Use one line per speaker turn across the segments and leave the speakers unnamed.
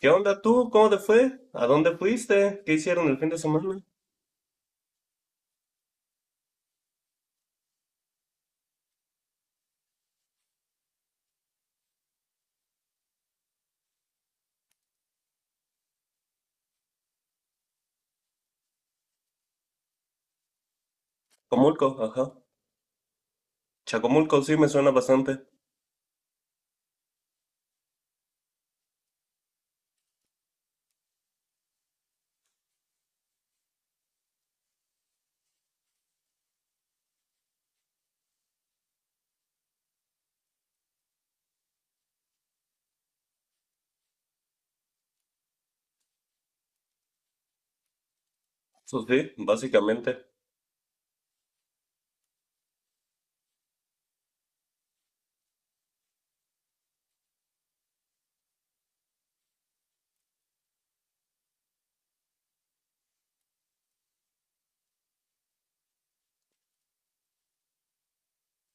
¿Qué onda tú? ¿Cómo te fue? ¿A dónde fuiste? ¿Qué hicieron el fin de semana? Comulco, ajá. Chacomulco sí me suena bastante. Eso sí, básicamente.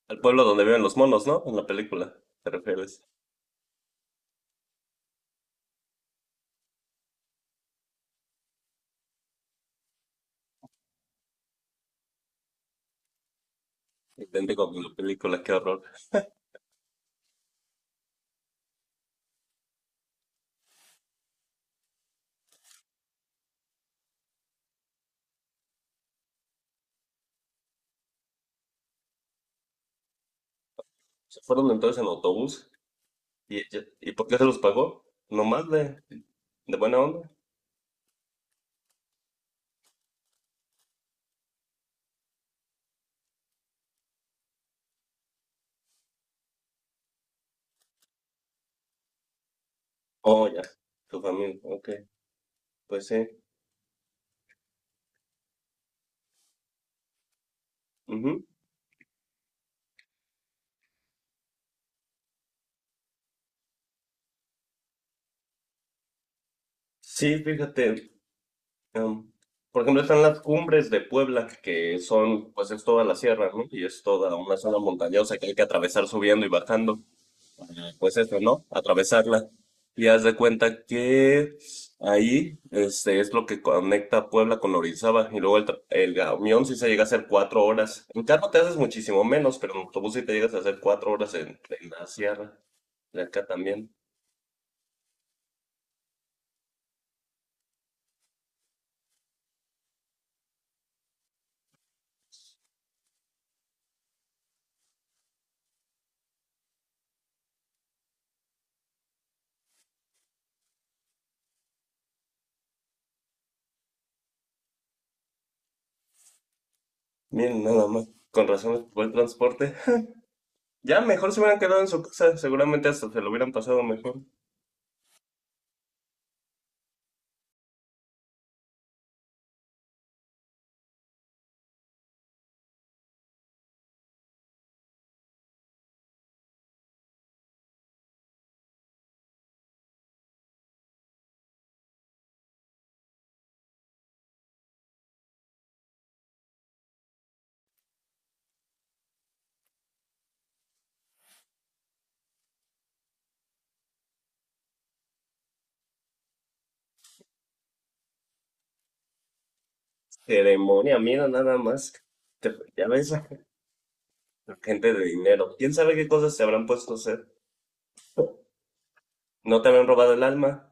Al pueblo donde viven los monos, ¿no? En la película, te refieres. Idéntico con la película, qué horror. Se fueron entonces en autobús. ¿Y por qué se los pagó? ¿Nomás de buena onda? Oh, ya. Tu familia, ok. Pues sí. Ujú. Sí, fíjate. Em, por ejemplo, están las cumbres de Puebla, que son, pues es toda la sierra, ¿no? Y es toda una zona montañosa que hay que atravesar subiendo y bajando. Pues eso, ¿no? Atravesarla. Y haz de cuenta que ahí este, es lo que conecta Puebla con Orizaba. Y luego el camión sí se llega a hacer cuatro horas. En carro te haces muchísimo menos, pero en autobús sí te llegas a hacer cuatro horas en la sierra. De acá también. Miren, nada más. Con razón, buen transporte. Ya mejor se hubieran quedado en su casa, seguramente hasta se lo hubieran pasado mejor. Ceremonia, mira nada más. Ya ves, la gente de dinero. ¿Quién sabe qué cosas se habrán puesto a hacer? ¿No te habrán robado el alma?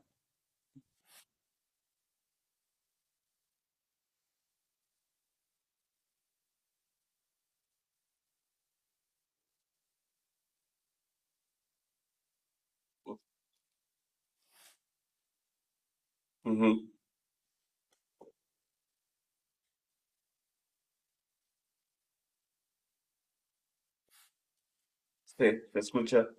Ujú. Sí, se escucha.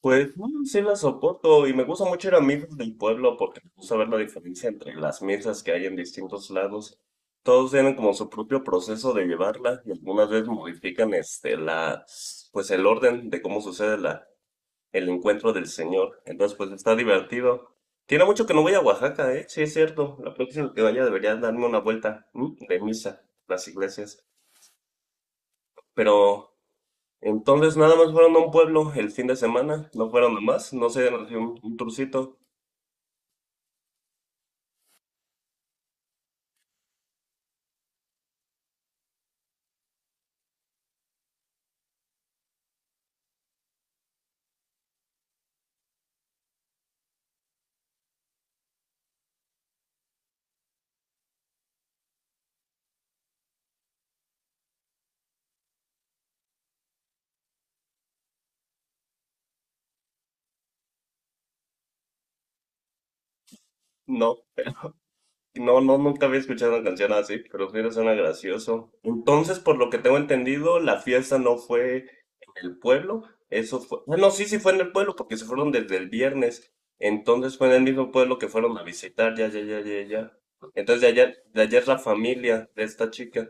Pues mm, sí la soporto y me gusta mucho ir a misas del pueblo porque me gusta ver la diferencia entre las misas que hay en distintos lados. Todos tienen como su propio proceso de llevarla y algunas veces modifican este la, pues el orden de cómo sucede la, el encuentro del Señor. Entonces, pues está divertido. Tiene mucho que no voy a Oaxaca, ¿eh? Sí, es cierto. La próxima que vaya debería darme una vuelta, ¿m?, de misa, las iglesias. Pero entonces nada más fueron a un pueblo el fin de semana, no fueron a más, no se dieron así un tourcito. No. No, no, nunca había escuchado una canción así, pero mira, suena gracioso. Entonces, por lo que tengo entendido, la fiesta no fue en el pueblo, eso fue... Ah, no, sí, sí fue en el pueblo, porque se fueron desde el viernes. Entonces fue en el mismo pueblo que fueron a visitar, ya, ya, ya, ya, ya. Entonces, de ayer la familia de esta chica.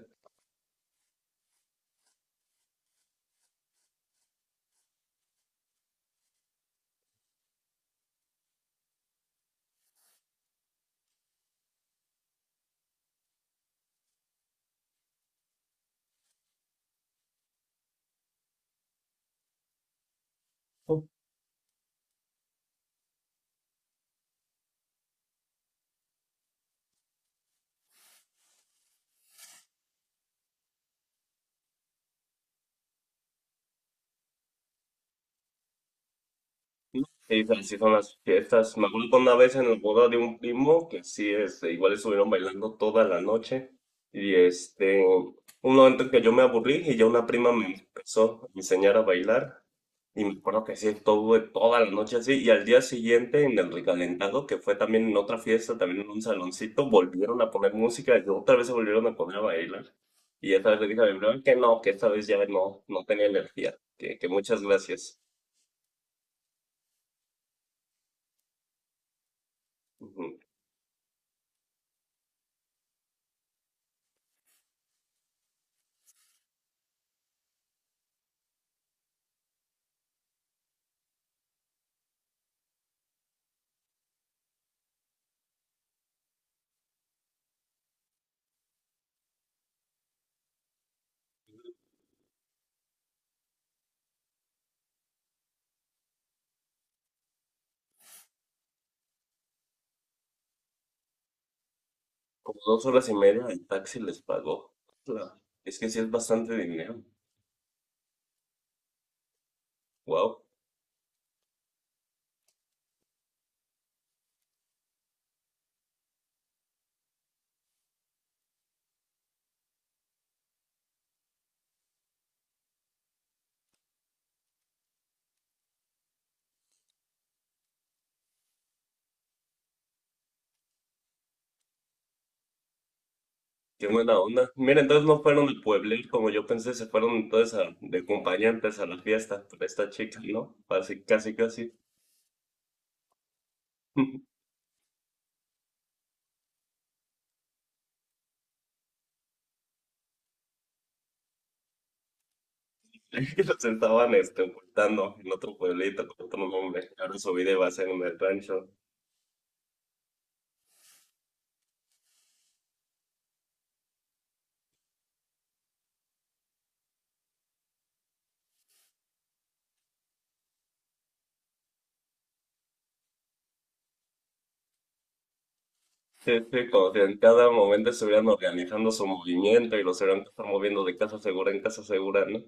Sí, se les hizo unas fiestas. Me acuerdo que una vez en el boda de un primo, que sí, este, igual estuvieron bailando toda la noche. Y este, un momento en que yo me aburrí y ya una prima me empezó a enseñar a bailar. Y me acuerdo que sí, estuve toda la noche así. Y al día siguiente, en el recalentado, que fue también en otra fiesta, también en un saloncito, volvieron a poner música y otra vez se volvieron a poner a bailar. Y esta vez le dije a mi prima que no, que esta vez ya no, no tenía energía. Que muchas gracias. Ujú. Como dos horas y media el taxi les pagó. Claro. Es que sí es bastante dinero. Wow, qué buena onda. Mira, entonces no fueron de pueblo como yo pensé, se fueron entonces de acompañantes a la fiesta por esta chica, ¿no? Así casi, casi. Que los estaban este, ocultando en otro pueblito con otro nombre. Ahora su vida va a ser en el rancho. Sí, sí, como si en cada momento estuvieran organizando su movimiento y los hubieran que estar moviendo de casa segura en casa segura, ¿no?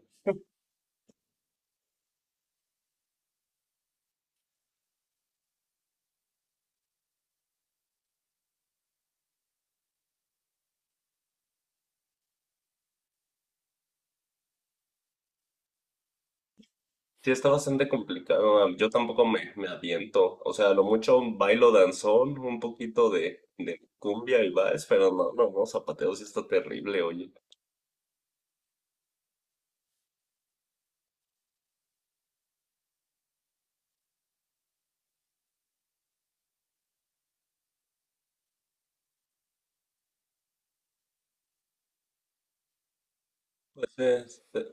Sí, está bastante complicado. Yo tampoco me aviento. O sea, a lo mucho un bailo danzón, un poquito de cumbia y vals, pero no, no, no, zapateo sí está terrible, oye. Pues se,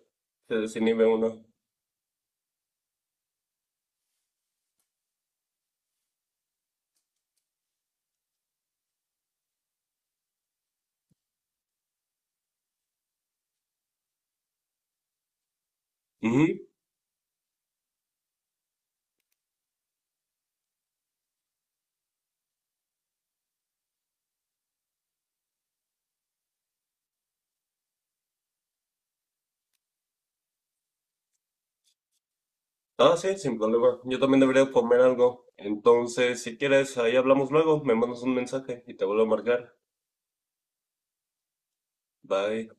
se desinhibe uno. Ujú. Ah, sí, sin problema. Yo también debería comer algo. Entonces, si quieres, ahí hablamos luego. Me mandas un mensaje y te vuelvo a marcar. Bye.